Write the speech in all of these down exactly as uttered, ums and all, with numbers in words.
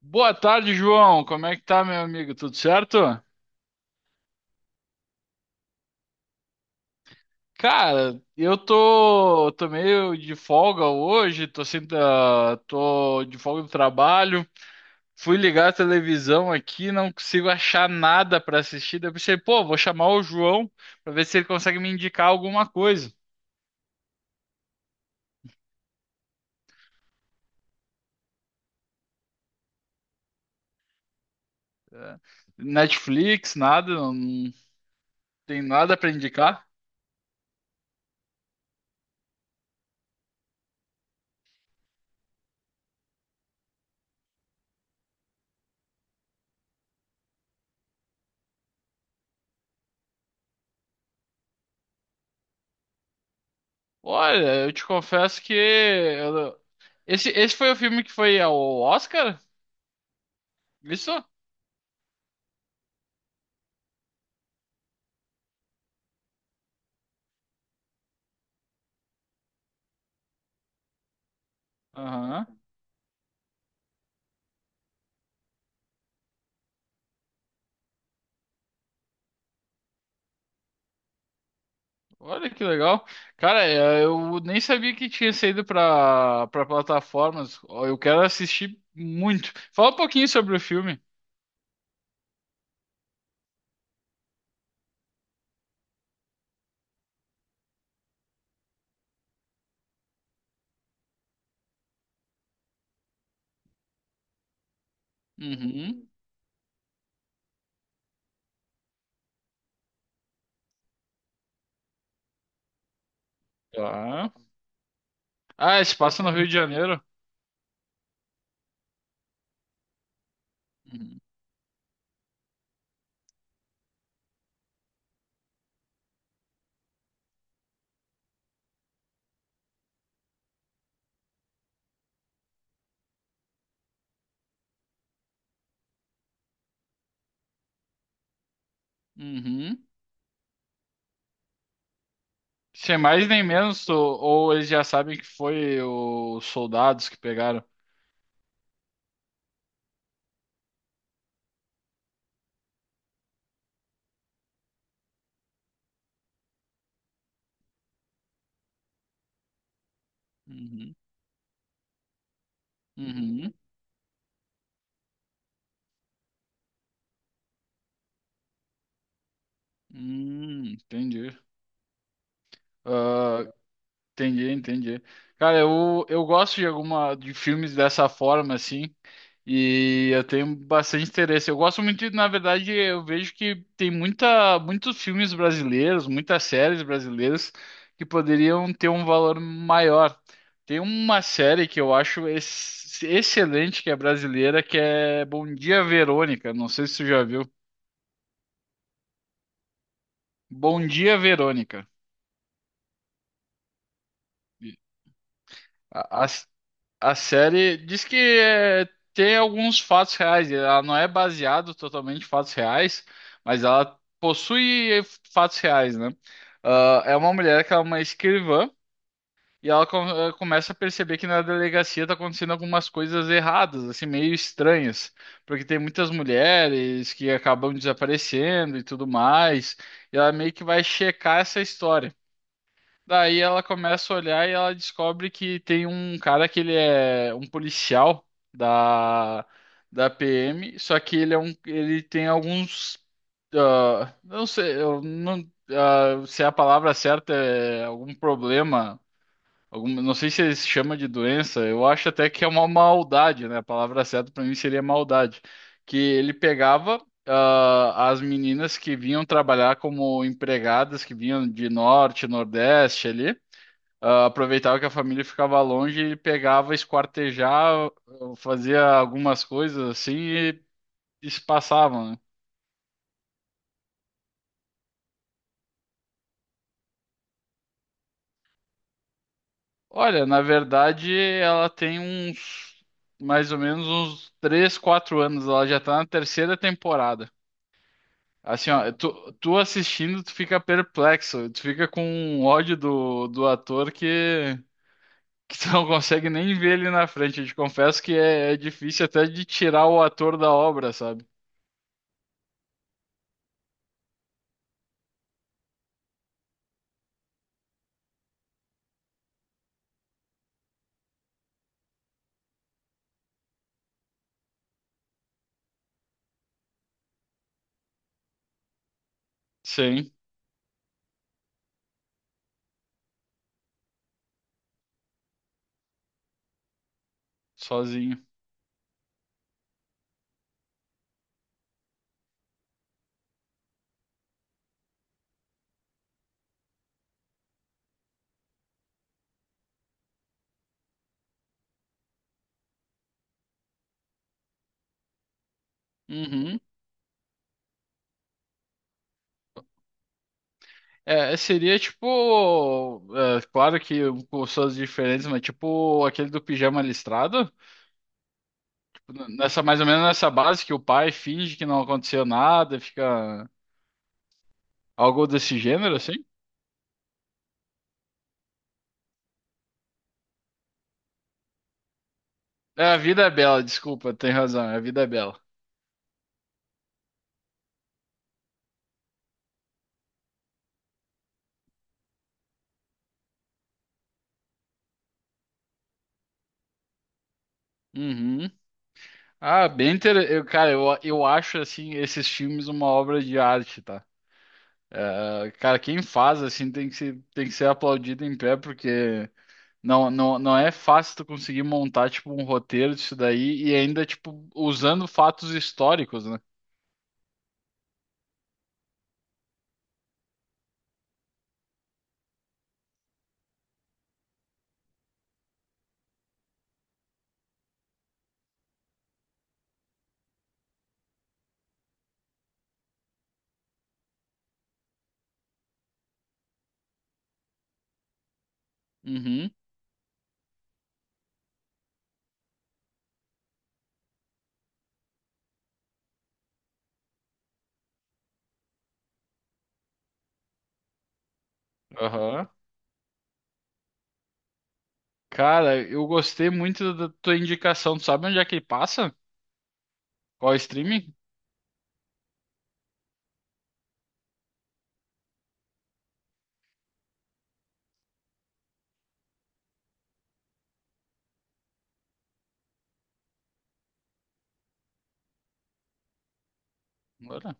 Boa tarde, João. Como é que tá, meu amigo? Tudo certo? Cara, eu tô, tô meio de folga hoje, tô sem, tra- tô de folga do trabalho. Fui ligar a televisão aqui, não consigo achar nada pra assistir. Daí eu pensei, pô, vou chamar o João pra ver se ele consegue me indicar alguma coisa. É, Netflix, nada, não tem nada pra indicar. Olha, eu te confesso que eu- esse, esse foi o filme que foi ao Oscar? Isso? Aham. Olha que legal. Cara, é, eu nem sabia que tinha saído para para plataformas. Ó, eu quero assistir muito. Fala um pouquinho sobre o filme. Uhum. Tá. Ah, se passa no Rio de Janeiro. Uhum. Uhum. Sem mais nem menos, ou, ou eles já sabem que foi os soldados que pegaram. Uhum. Uhum. Hum, entendi. Ah, Entendi, entendi. Cara, eu, eu gosto de alguma de filmes dessa forma assim, e eu tenho bastante interesse. Eu gosto muito, de- na verdade, eu vejo que tem muita muitos filmes brasileiros, muitas séries brasileiras que poderiam ter um valor maior. Tem uma série que eu acho ex- excelente que é brasileira, que é Bom Dia Verônica. Não sei se você já viu. Bom Dia Verônica. A, a- A série diz que é, tem alguns fatos reais. Ela não é baseada totalmente em fatos reais, mas ela possui fatos reais, né? Ah, é uma mulher que é uma escrivã e ela co- eh, começa a perceber que na delegacia tá acontecendo algumas coisas erradas, assim, meio estranhas, porque tem muitas mulheres que acabam desaparecendo e tudo mais. E ela meio que vai checar essa história. Daí ela começa a olhar e ela descobre que tem um cara que ele é um policial da, da P M, só que ele é um, ele tem alguns, ah, não sei, eu não, ah, se é a palavra certa é algum problema, algum, não sei se ele se chama de doença, eu acho até que é uma maldade, né? A palavra certa para mim seria maldade, que ele pegava, ah, as meninas que vinham trabalhar como empregadas, que vinham de norte, nordeste ali. Ah, aproveitava que a família ficava longe, ele pegava, esquartejava, fazia algumas coisas assim e, e se passavam, né? Olha, na verdade, ela tem uns mais ou menos uns três, quatro anos, ela já tá na terceira temporada. Assim, ó, tu, tu assistindo, tu fica perplexo, tu fica com um ódio do, do ator que, que tu não consegue nem ver ele na frente. Eu te confesso que é é difícil até de tirar o ator da obra, sabe? Sim, sozinho. Uhum. É, seria tipo, é, claro que com suas diferentes, mas tipo aquele do pijama listrado, nessa mais ou menos nessa base que o pai finge que não aconteceu nada, fica algo desse gênero assim. É, a vida é bela, desculpa, tem razão, a vida é bela. Uhum. Ah, bem interessante. Eu, cara, eu, eu acho assim esses filmes uma obra de arte, tá? É, cara, quem faz assim tem que ser, tem que ser aplaudido em pé porque não, não, não é fácil tu conseguir montar, tipo, um roteiro disso daí e ainda, tipo, usando fatos históricos, né? Uhum. Aham. Cara, eu gostei muito da tua indicação. Tu sabe onde é que ele passa? Qual streaming? Olha.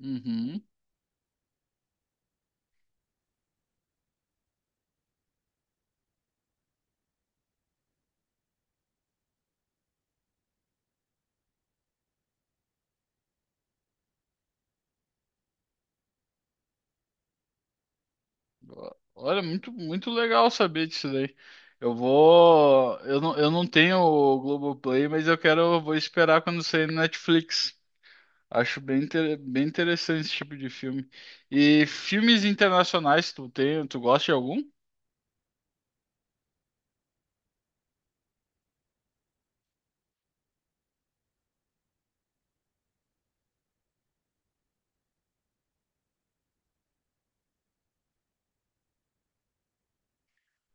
Uhum. Olha, muito, muito legal saber disso daí. Eu vou. Eu não, eu não tenho o Globoplay, mas eu quero. Eu vou esperar quando sair no Netflix. Acho bem, inter- bem interessante esse tipo de filme. E filmes internacionais, tu tem, tu gosta de algum?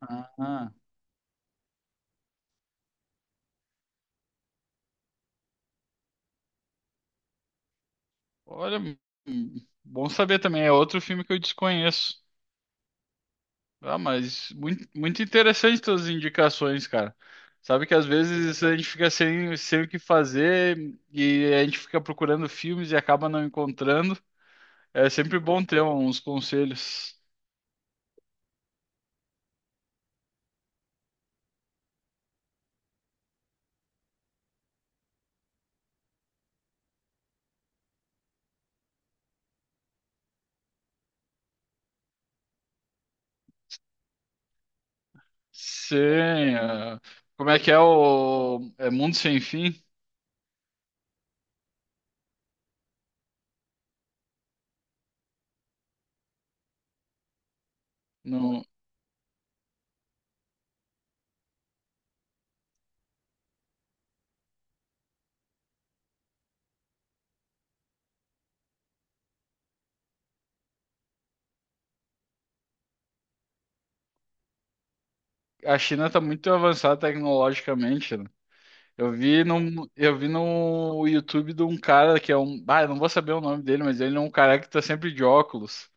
Ah, olha, hum, bom saber também. É outro filme que eu desconheço. Ah, mas muito, muito interessante suas indicações, cara. Sabe que às vezes a gente fica sem, sem o que fazer e a gente fica procurando filmes e acaba não encontrando. É sempre bom ter uns conselhos. Sim, é. Como é que é o é Mundo Sem Fim? Não, a China está muito avançada tecnologicamente, né? Eu vi no, eu vi no YouTube de um cara que é um. Ah, eu não vou saber o nome dele, mas ele é um cara que tá sempre de óculos.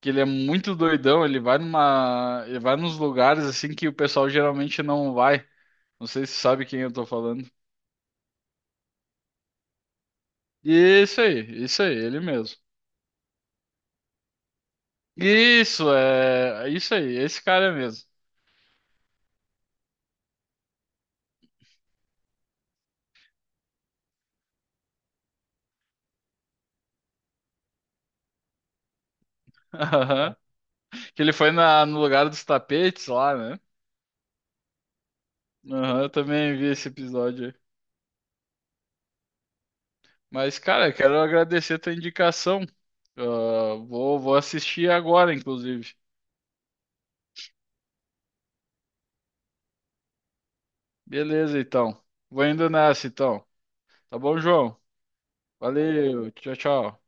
Que ele é muito doidão, ele vai numa. Ele vai nos lugares assim que o pessoal geralmente não vai. Não sei se sabe quem eu tô falando. Isso aí, é isso aí, ele mesmo. Isso, é. É isso aí, é esse cara mesmo. Aham. Que ele foi na, no lugar dos tapetes lá, né? Aham, eu também vi esse episódio. Mas, cara, quero agradecer a tua indicação. Ah, vou, vou assistir agora, inclusive. Beleza, então. Vou indo nessa, então. Tá bom, João? Valeu, tchau, tchau.